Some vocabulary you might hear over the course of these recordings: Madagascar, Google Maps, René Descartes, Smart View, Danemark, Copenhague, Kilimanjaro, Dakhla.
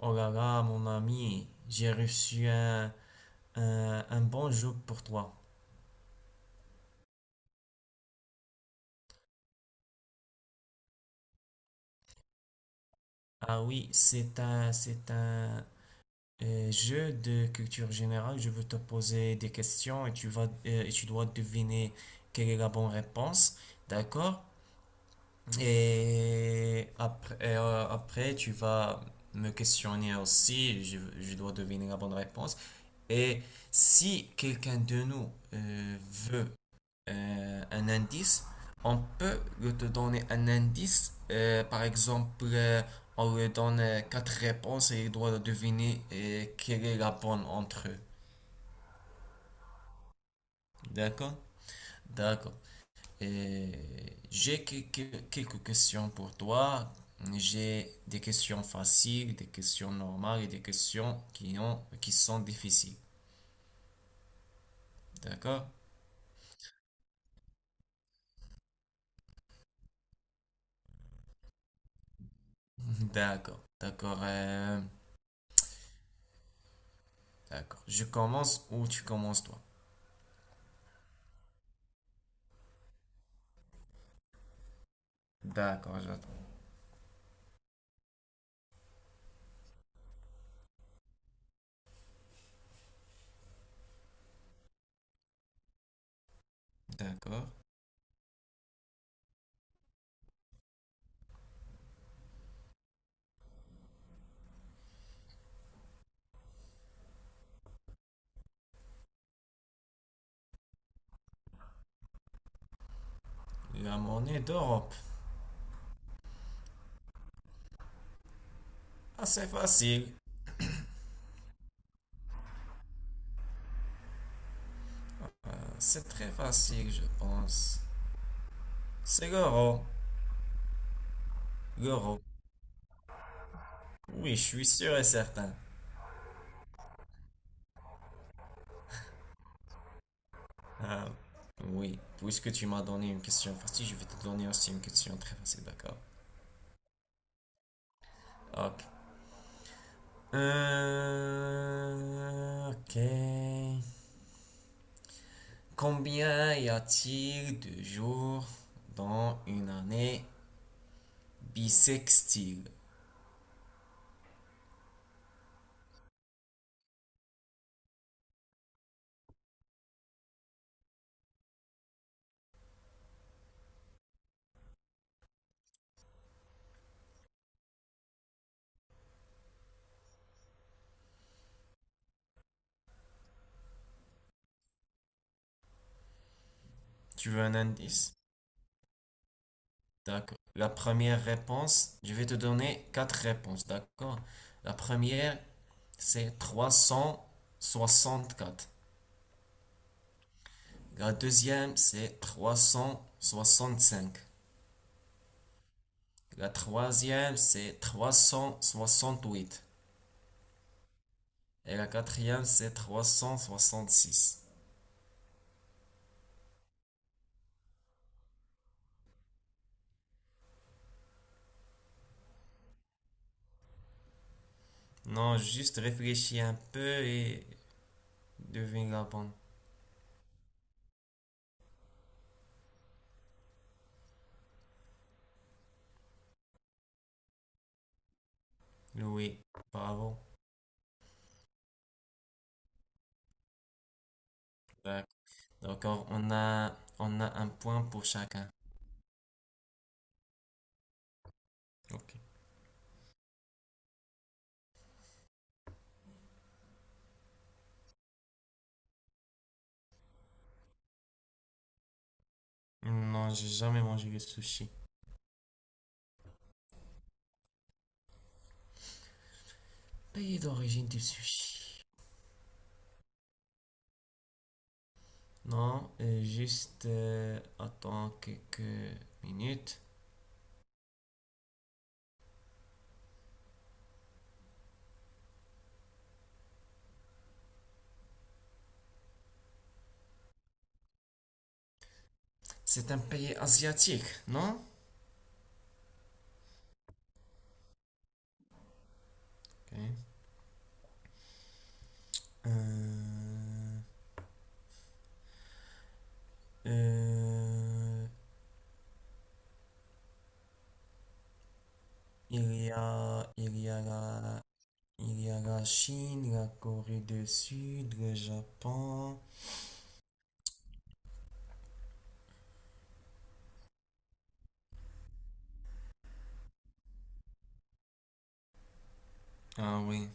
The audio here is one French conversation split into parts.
Oh là là, mon ami, j'ai reçu un bon jeu pour toi. Ah oui, c'est un jeu de culture générale. Je veux te poser des questions et tu dois deviner quelle est la bonne réponse. D'accord? Et après, après, tu vas me questionner aussi. Je dois deviner la bonne réponse. Et si quelqu'un de nous veut un indice, on peut lui te donner un indice. Par exemple, on lui donne quatre réponses et il doit deviner quelle est la bonne entre eux. D'accord? D'accord. Et j'ai quelques questions pour toi. J'ai des questions faciles, des questions normales et des questions qui sont difficiles. D'accord? D'accord. D'accord. euh, d'accord. Je commence ou tu commences toi? D'accord, j'attends. D'accord. La monnaie d'Europe. Ah, c'est facile. Ah, c'est très facile, je pense. C'est l'euro. L'euro. Oui, je suis sûr et certain. Ah, oui. Puisque tu m'as donné une question facile, je vais te donner aussi une question très facile, d'accord? Ok. Ok. Combien y a-t-il de jours dans une année bisextile? Tu veux un indice? D'accord. La première réponse, je vais te donner quatre réponses, d'accord? La première, c'est 364. La deuxième, c'est 365. La troisième, c'est 368. Et la quatrième, c'est 366. Non, juste réfléchis un peu et devine la bonne. Oui, bravo. D'accord. On a un point pour chacun. Ok. Non, j'ai jamais mangé de sushi. Pays d'origine du sushi. Non, juste attends quelques minutes. C'est un pays asiatique, non? Ok. Euh, euh, il y a, il y a la, il y a la Chine, la Corée du Sud, le Japon. Ah oui.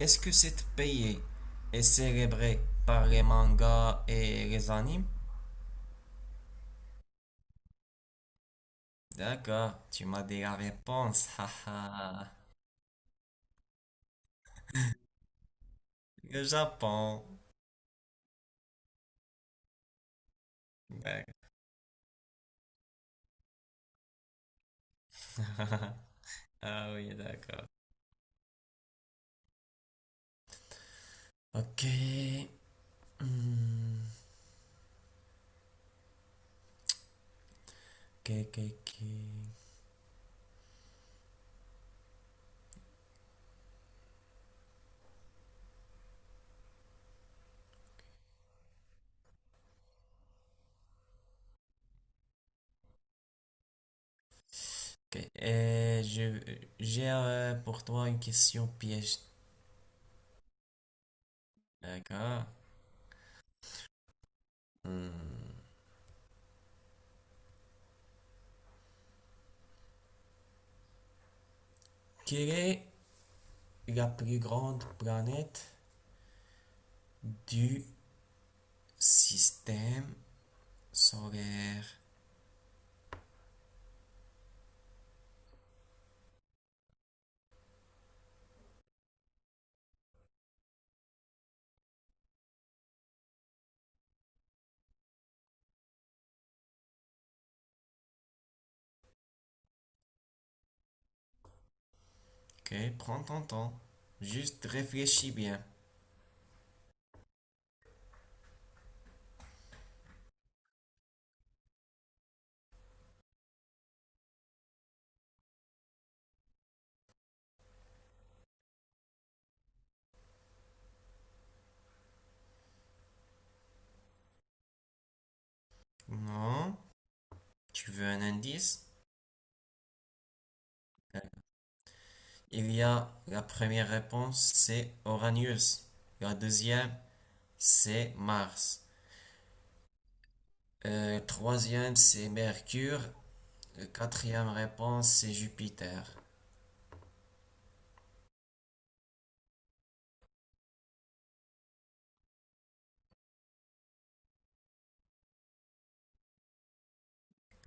Est-ce que cet pays est célébré par les mangas et les animes? D'accord, tu m'as dit la réponse. Haha. Le Japon. D'ac- Ah oui, d'accord. Ok. Hmm. Ok. Ok. J'ai pour toi une question piège. D'accord. Hmm. Quelle est la plus grande planète du système solaire? Ok, prends ton temps. Juste réfléchis bien. Non. Tu veux un indice? Euh, Il y a la première réponse, c'est Uranus. La deuxième, c'est Mars. Troisième, c'est Mercure. La quatrième réponse, c'est Jupiter.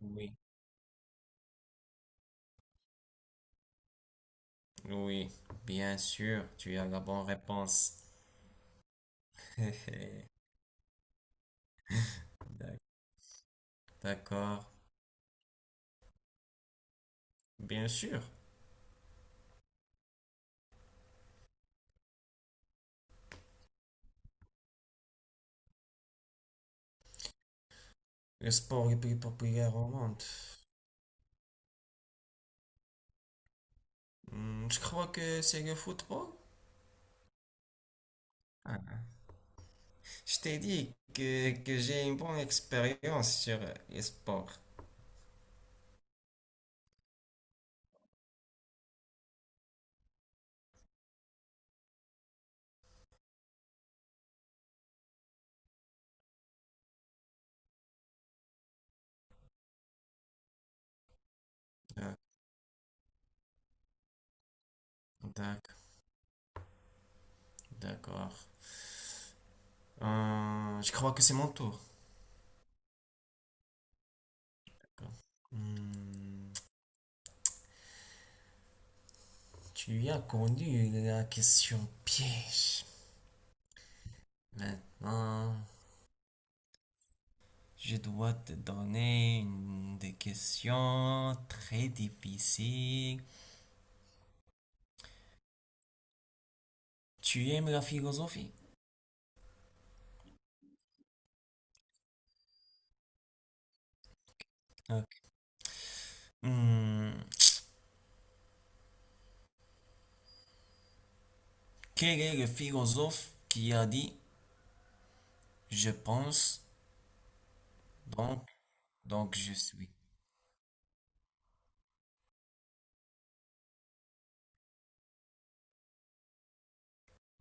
Oui. Oui, bien sûr, tu as la bonne réponse. D'ac- D'accord, bien sûr. Le sport le plus populaire au monde. Hmm, je crois que c'est le football. Ah, je t'ai dit que j'ai une bonne expérience sur les sports. D'ac- D'accord, d'accord. Je crois que c'est mon tour. D'accord. Hmm, tu as connu la question piège. Maintenant, je dois te donner une- des questions très difficiles. Tu aimes la philosophie? Ok. Hmm, quel est le philosophe qui a dit je pense, donc, donc je suis?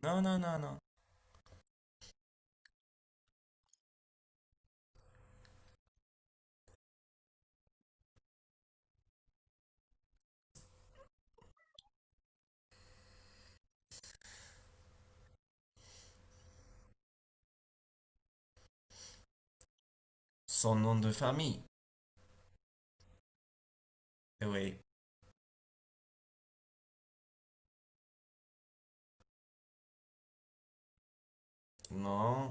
Non, non, non, non. Son nom de famille. Eh oui. Non.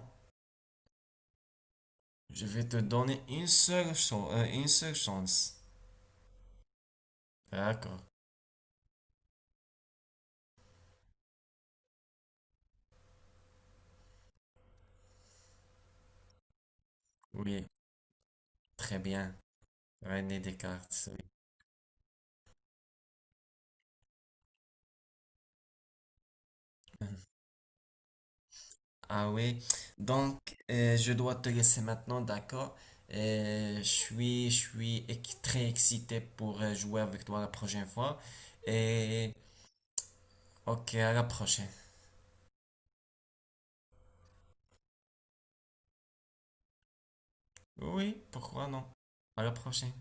Je vais te donner une seule chance. Une seule chance. D'accord. Oui. Très bien. René Descartes. Oui. Ah oui. Donc, je dois te laisser maintenant, d'accord? Je suis ex- très excité pour jouer avec toi la prochaine fois. Et ok, à la prochaine. Oui, pourquoi non? À la prochaine.